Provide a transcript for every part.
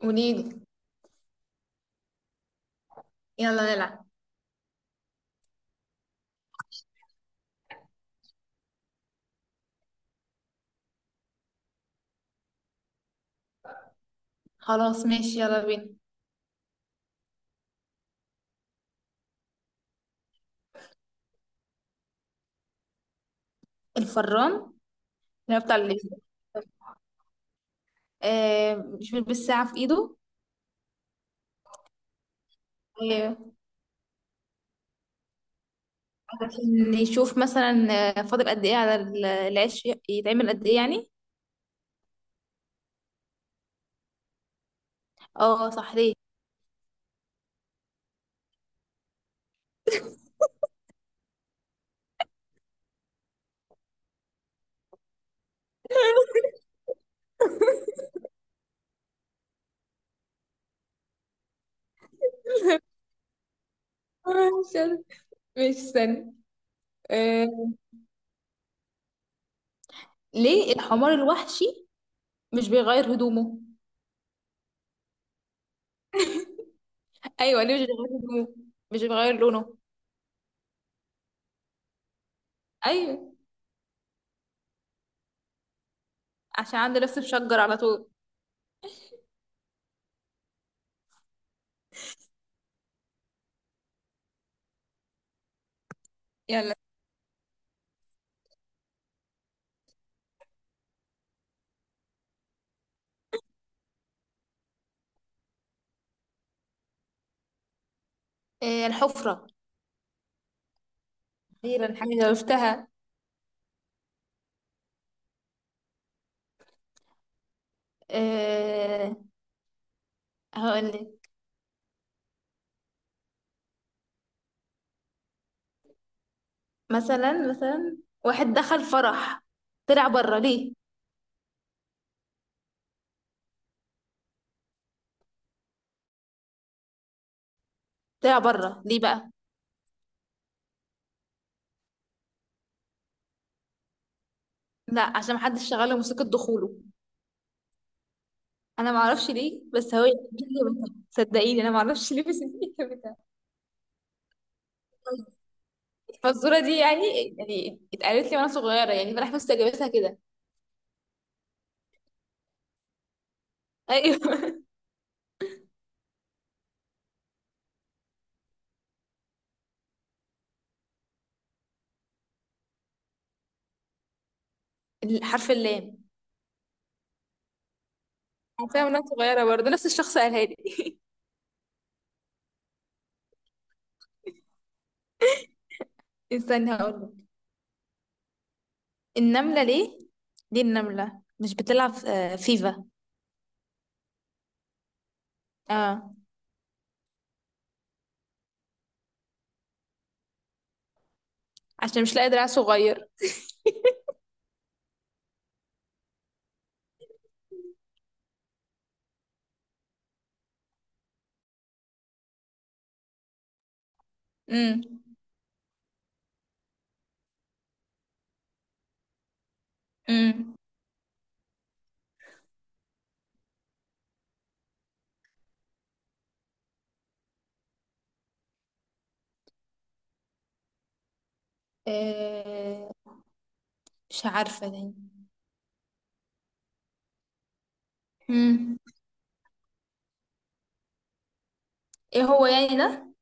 قوليلي. يلا نلعب. خلاص ماشي يلا بينا. الفران اللي هو بتاع الليزر. آه مش بالساعة في ايده. آه عشان يشوف مثلا آه، فاضل قد ايه على العيش يتعمل قد ايه يعني. اه صح ليه. مش عارف. ماشي استنى. آه ليه الحمار الوحشي مش بيغير هدومه؟ ايوه ليه مش بيغير هدومه؟ مش بيغير لونه. ايوه. عشان عنده لبس مشجر على طول. يلا. آه الحفرة. أخيرا حاجة عرفتها. أه هقولك. مثلا واحد دخل فرح طلع بره ليه. طلع بره ليه بقى. لا عشان محدش شغال له موسيقى دخوله. انا معرفش ليه بس هو جابتها. صدقيني انا معرفش ليه بس هي جابتها الفزوره دي يعني. يعني اتقالت لي وانا صغيره يعني، فانا بس جابتها كده. ايوه. حرف اللام. عارفاها وانا صغيره برضه نفس الشخص قالها لي. استني هقولك. النمله ليه، ليه النمله مش بتلعب آه، فيفا؟ اه عشان مش لاقي دراع صغير. امم امم آه مش عارفة يعني. امم ايه هو يعني ده؟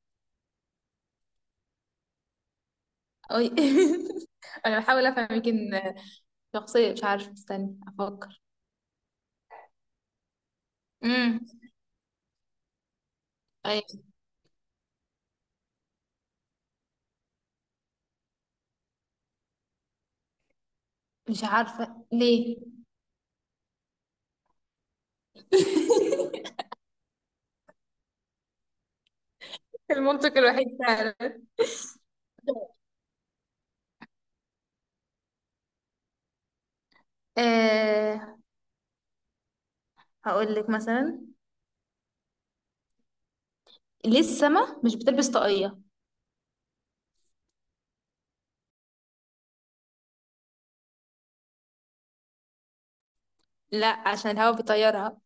أو- انا بحاول افهم، يمكن شخصية، مش عارفة استني افكر. امم أي. مش عارفة ليه. المنطق الوحيد فعلا. آه هقول لك مثلا ليه السما مش بتلبس طاقية؟ لا عشان الهوا بيطيرها.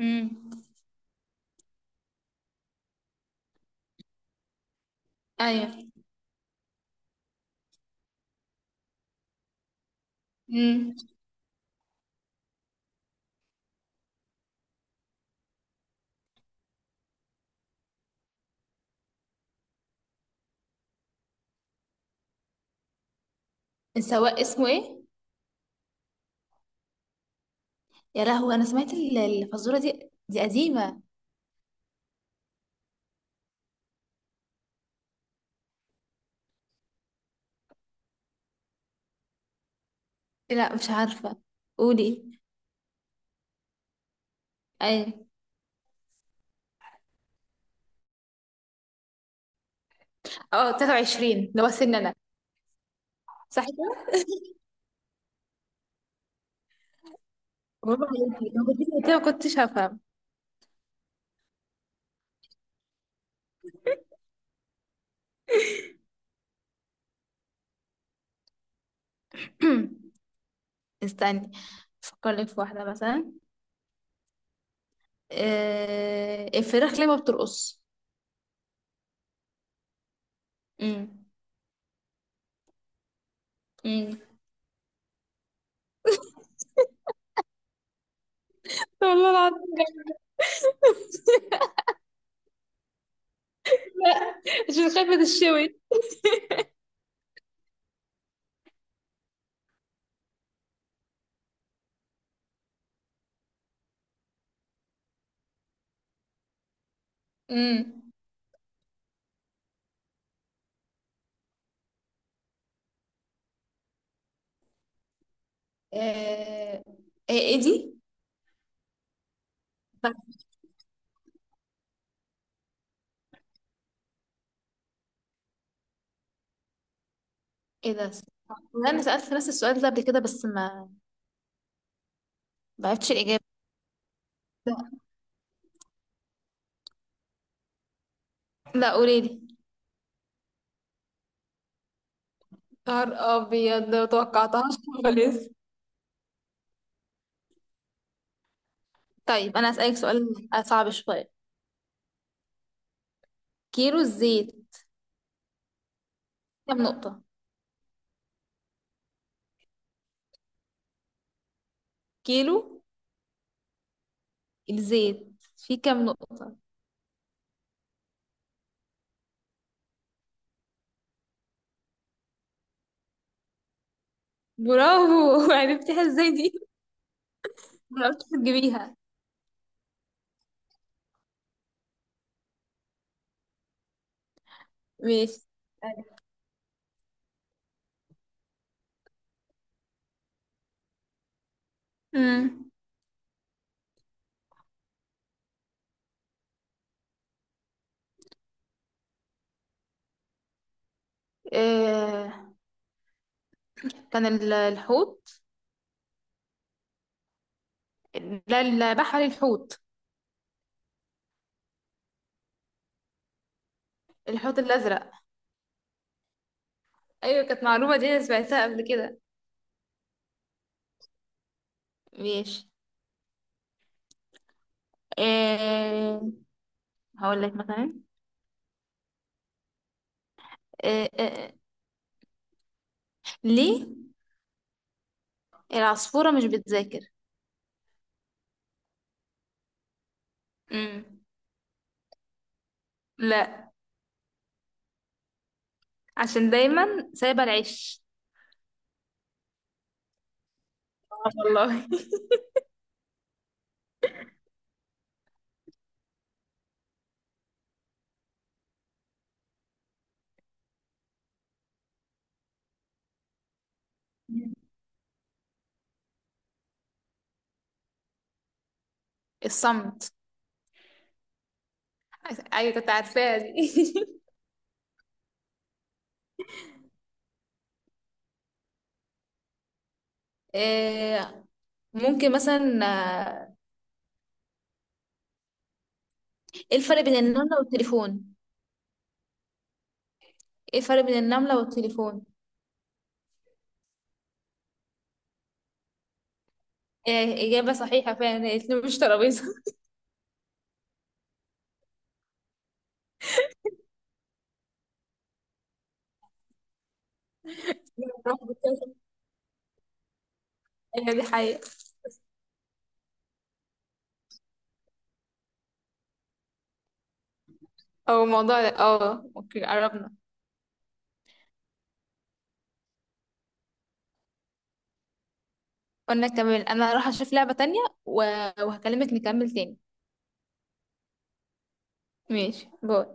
امم ايوه. امم السواق اسمه ايه؟ يا لهوي، انا سمعت الفزوره دي، دي قديمه. إيه لا مش عارفه. قولي. اي. اه 23 ده هو سننا. صح كده. برافو عليكي، لو كنت قلت كده ما كنتش هفهم. استني افكر لك في واحده مثلا. آه... الفراخ ليه ما بترقص؟ امم امم والله العظيم جميلة. عشان خايفه تشوي. امم آه... ايه إيه دي؟ طيب، ايه ده؟ والله انا سألت نفس السؤال ده قبل كده بس ما، ما عرفتش الإجابة. لا قوليلي. نهار ابيض ما توقعتهاش خالص. طيب انا هسألك سؤال صعب شوية. كيلو الزيت كام نقطة؟ كيلو الزيت فيه كام نقطة؟ برافو. عرفتيها ازاي دي؟ عرفت تجيبيها. ماشي. امم آه كان الحوت. لا البحر الحوت. الحوت الأزرق. أيوة، كانت معلومة دي أنا سمعتها قبل كده. ماشي. آه هقول لك مثلا. آه آه آه. ليه العصفورة مش بتذاكر؟ امم لا عشان دايما سايبة العش. آه والله. الصمت. ايوه كنت عارفاها دي. آه ممكن مثلا آه، ايه الفرق بين النملة والتليفون؟ ايه الفرق بين النملة والتليفون؟ إيه، إجابة صحيحة فعلا. هي الاتنين مش ترابيزة. هي دي حقيقة. أو الموضوع ده اه اوكي قربنا. قلنا كمان انا هروح اشوف لعبة تانية و- وهكلمك نكمل تاني. ماشي، باي.